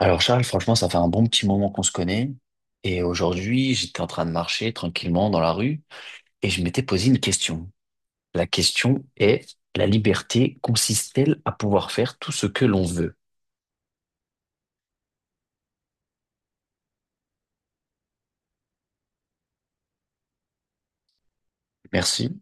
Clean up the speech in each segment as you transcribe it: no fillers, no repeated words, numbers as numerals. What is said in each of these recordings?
Alors Charles, franchement, ça fait un bon petit moment qu'on se connaît. Et aujourd'hui, j'étais en train de marcher tranquillement dans la rue et je m'étais posé une question. La question est, la liberté consiste-t-elle à pouvoir faire tout ce que l'on veut? Merci.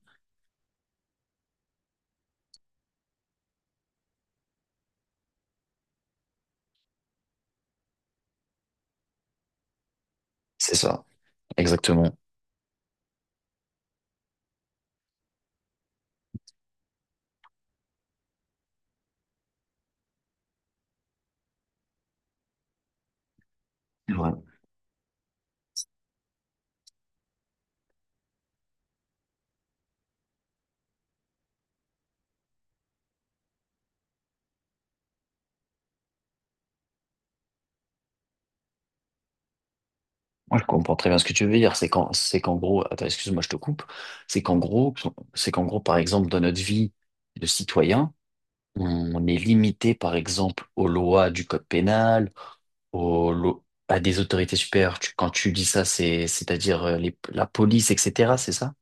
C'est ça, exactement. Ouais. Moi, je comprends très bien ce que tu veux dire. C'est qu'en gros, attends, excuse-moi, je te coupe. C'est qu'en gros, c'est qu'en gros, par exemple, dans notre vie de citoyen, on est limité, par exemple, aux lois du code pénal, à des autorités supérieures. Quand tu dis ça, c'est-à-dire la police, etc., c'est ça?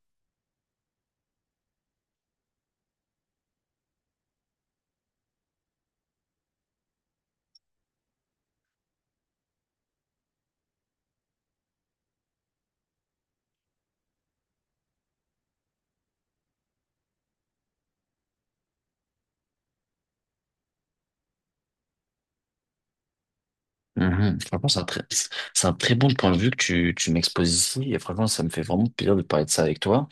Mhm. Franchement, c'est un très bon point de vue que tu m'exposes ici. Et franchement, ça me fait vraiment plaisir de parler de ça avec toi.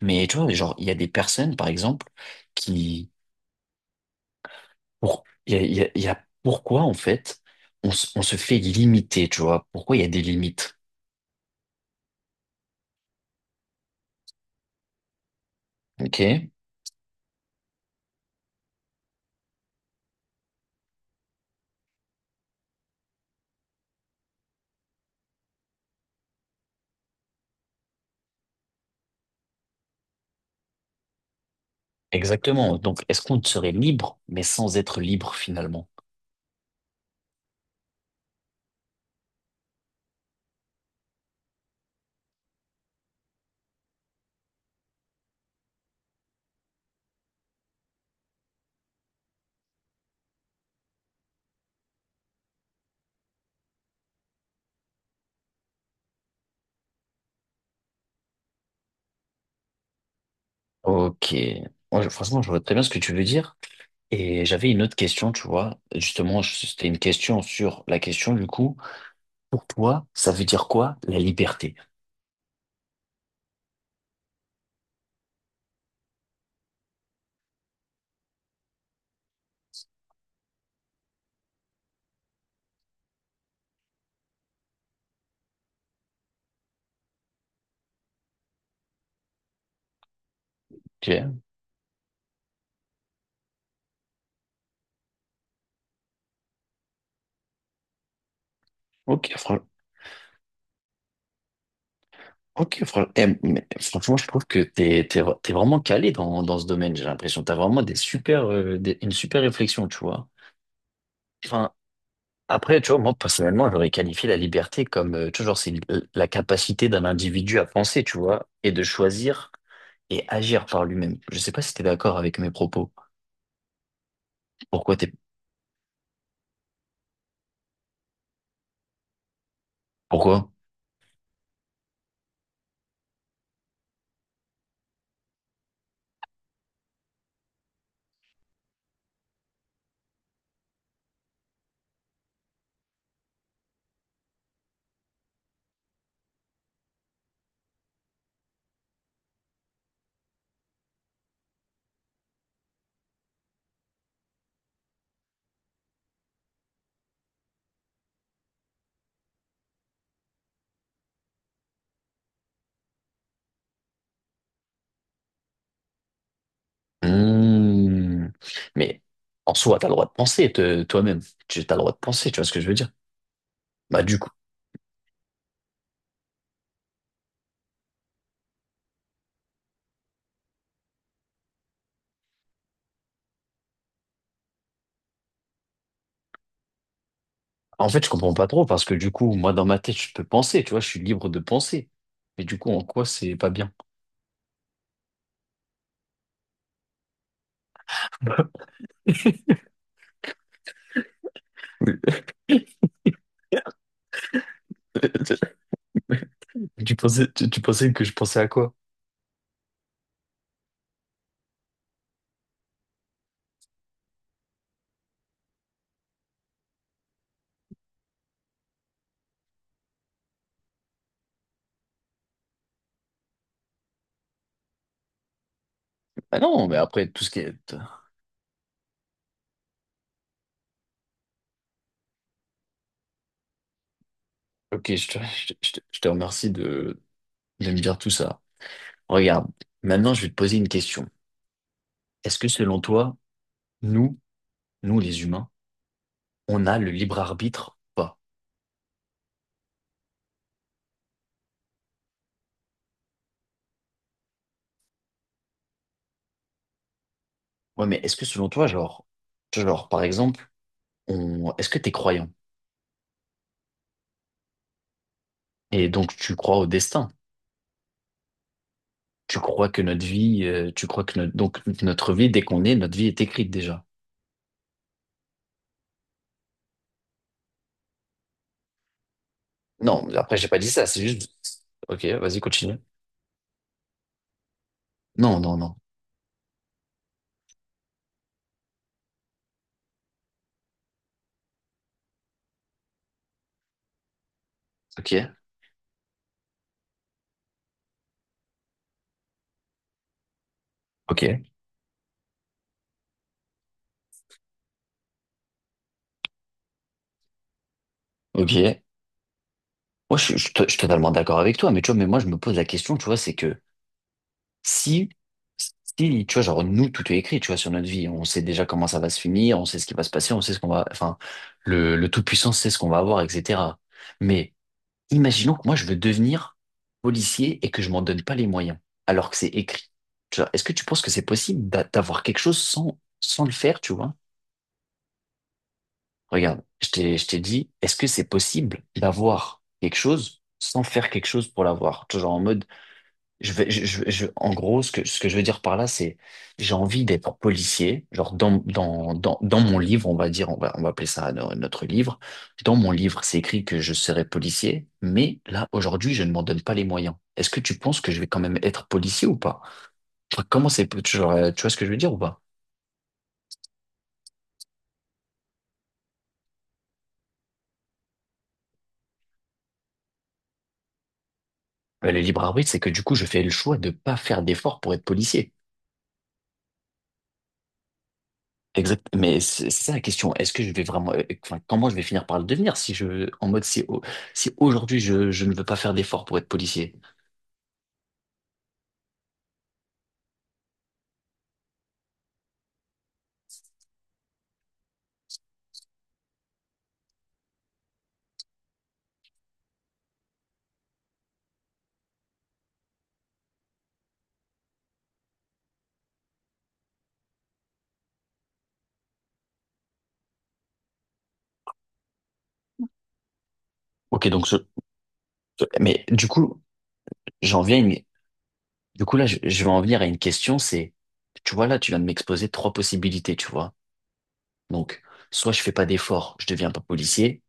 Mais tu vois, genre, il y a des personnes, par exemple, qui, pour, il y a, il y a- il y a pourquoi, en fait, on se fait limiter, tu vois? Pourquoi il y a des limites? OK? Exactement. Donc, est-ce qu'on serait libre, mais sans être libre finalement? Ok. Franchement, je vois très bien ce que tu veux dire. Et j'avais une autre question, tu vois. Justement, c'était une question sur la question du coup. Pour toi, ça veut dire quoi la liberté? Tu vois. Ok, fran- mais franchement, je trouve que t'es vraiment calé dans, dans ce domaine, j'ai l'impression. T'as vraiment des super, une super réflexion, tu vois. Enfin, après, tu vois, moi, personnellement, j'aurais qualifié la liberté comme, toujours, c'est la capacité d'un individu à penser, tu vois, et de choisir et agir par lui-même. Je sais pas si t'es d'accord avec mes propos. Pourquoi t'es, Pourquoi? Hmm. Mais en soi, t'as le droit de penser toi-même. Tu as le droit de penser, tu vois ce que je veux dire? Bah du coup. En fait, je comprends pas trop parce que du coup, moi, dans ma tête, je peux penser, tu vois, je suis libre de penser. Mais du coup, en quoi c'est pas bien? Tu pensais que je pensais à quoi? Ah non, mais après, tout ce qui est... Ok, je te remercie de me dire tout ça. Regarde, maintenant je vais te poser une question. Est-ce que selon toi, nous, nous les humains, on a le libre arbitre ou pas? Ouais, mais est-ce que selon toi, genre par exemple, est-ce que t'es croyant? Et donc tu crois au destin? Tu crois que notre vie, tu crois que notre, donc notre vie, notre vie est écrite déjà. Non, après j'ai pas dit ça, c'est juste. Ok, vas-y, continue. Non, non, non. Ok, ok, ok. Moi, je suis je suis totalement d'accord avec toi, mais tu vois, mais moi je me pose la question, tu vois, c'est que. Si, si, tu vois, genre, nous, tout est écrit, tu vois, sur notre vie. On sait déjà comment ça va se finir, on sait ce qui va se passer, on sait ce qu'on va, enfin, le Tout-Puissant sait ce qu'on va avoir, etc. Mais imaginons que moi, je veux devenir policier et que je m'en donne pas les moyens, alors que c'est écrit. Tu vois, est-ce que tu penses que c'est possible d'avoir quelque chose sans, sans le faire, tu vois? Regarde, je t'ai dit, est-ce que c'est possible d'avoir quelque chose sans faire quelque chose pour l'avoir? Tu vois, genre, en mode, je vais, je- en gros, ce que je veux dire par là, c'est j'ai envie d'être policier. Genre dans mon livre, on va dire, on va appeler ça notre livre. Dans mon livre, c'est écrit que je serai policier, mais là, aujourd'hui, je ne m'en donne pas les moyens. Est-ce que tu penses que je vais quand même être policier ou pas? Enfin, comment c'est, genre, tu vois ce que je veux dire ou pas? Le libre arbitre, c'est que du coup, je fais le choix de pas faire d'efforts pour être policier. Exact, mais c'est ça la question. Est-ce que je vais vraiment, enfin, comment je vais finir par le devenir si je, en mode, si, au- si aujourd'hui je ne veux pas faire d'efforts pour être policier? Ok, donc, je- mais du coup, j'en viens, à une- du coup là, je vais en venir à une question, c'est, tu vois là, tu viens de m'exposer trois possibilités, tu vois. Donc, soit je fais pas d'efforts, je deviens pas policier,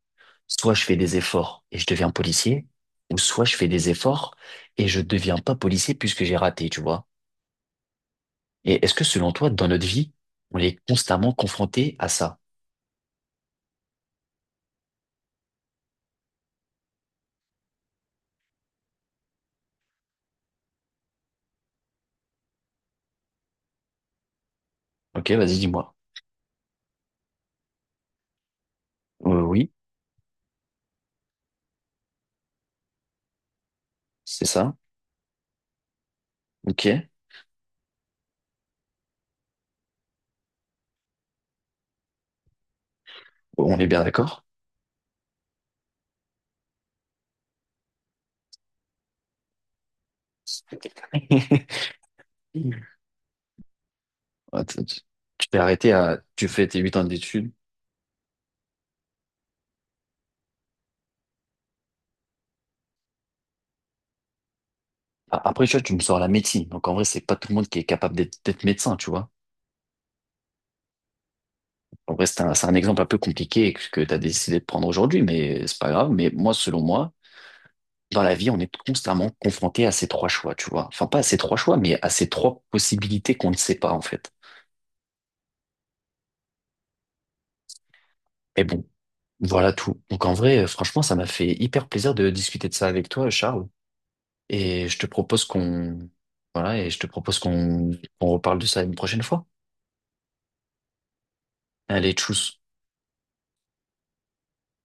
soit je fais des efforts et je deviens policier, ou soit je fais des efforts et je deviens pas policier puisque j'ai raté, tu vois. Et est-ce que selon toi, dans notre vie, on est constamment confronté à ça? Ok, vas-y, dis-moi. Oui, c'est ça. Ok, on est bien d'accord. Attends, tu t'es arrêté à, tu fais tes 8 ans d'études. Après, tu vois, tu me sors la médecine. Donc, en vrai, c'est pas tout le monde qui est capable d'être médecin, tu vois. En vrai, c'est un exemple un peu compliqué que tu as décidé de prendre aujourd'hui, mais c'est pas grave. Mais moi, selon moi, dans la vie, on est constamment confronté à ces trois choix, tu vois. Enfin, pas à ces trois choix, mais à ces trois possibilités qu'on ne sait pas, en fait. Mais bon, voilà tout. Donc en vrai, franchement, ça m'a fait hyper plaisir de discuter de ça avec toi, Charles. Et je te propose qu'on, voilà, et je te propose qu'on reparle de ça une prochaine fois. Allez, tchuss.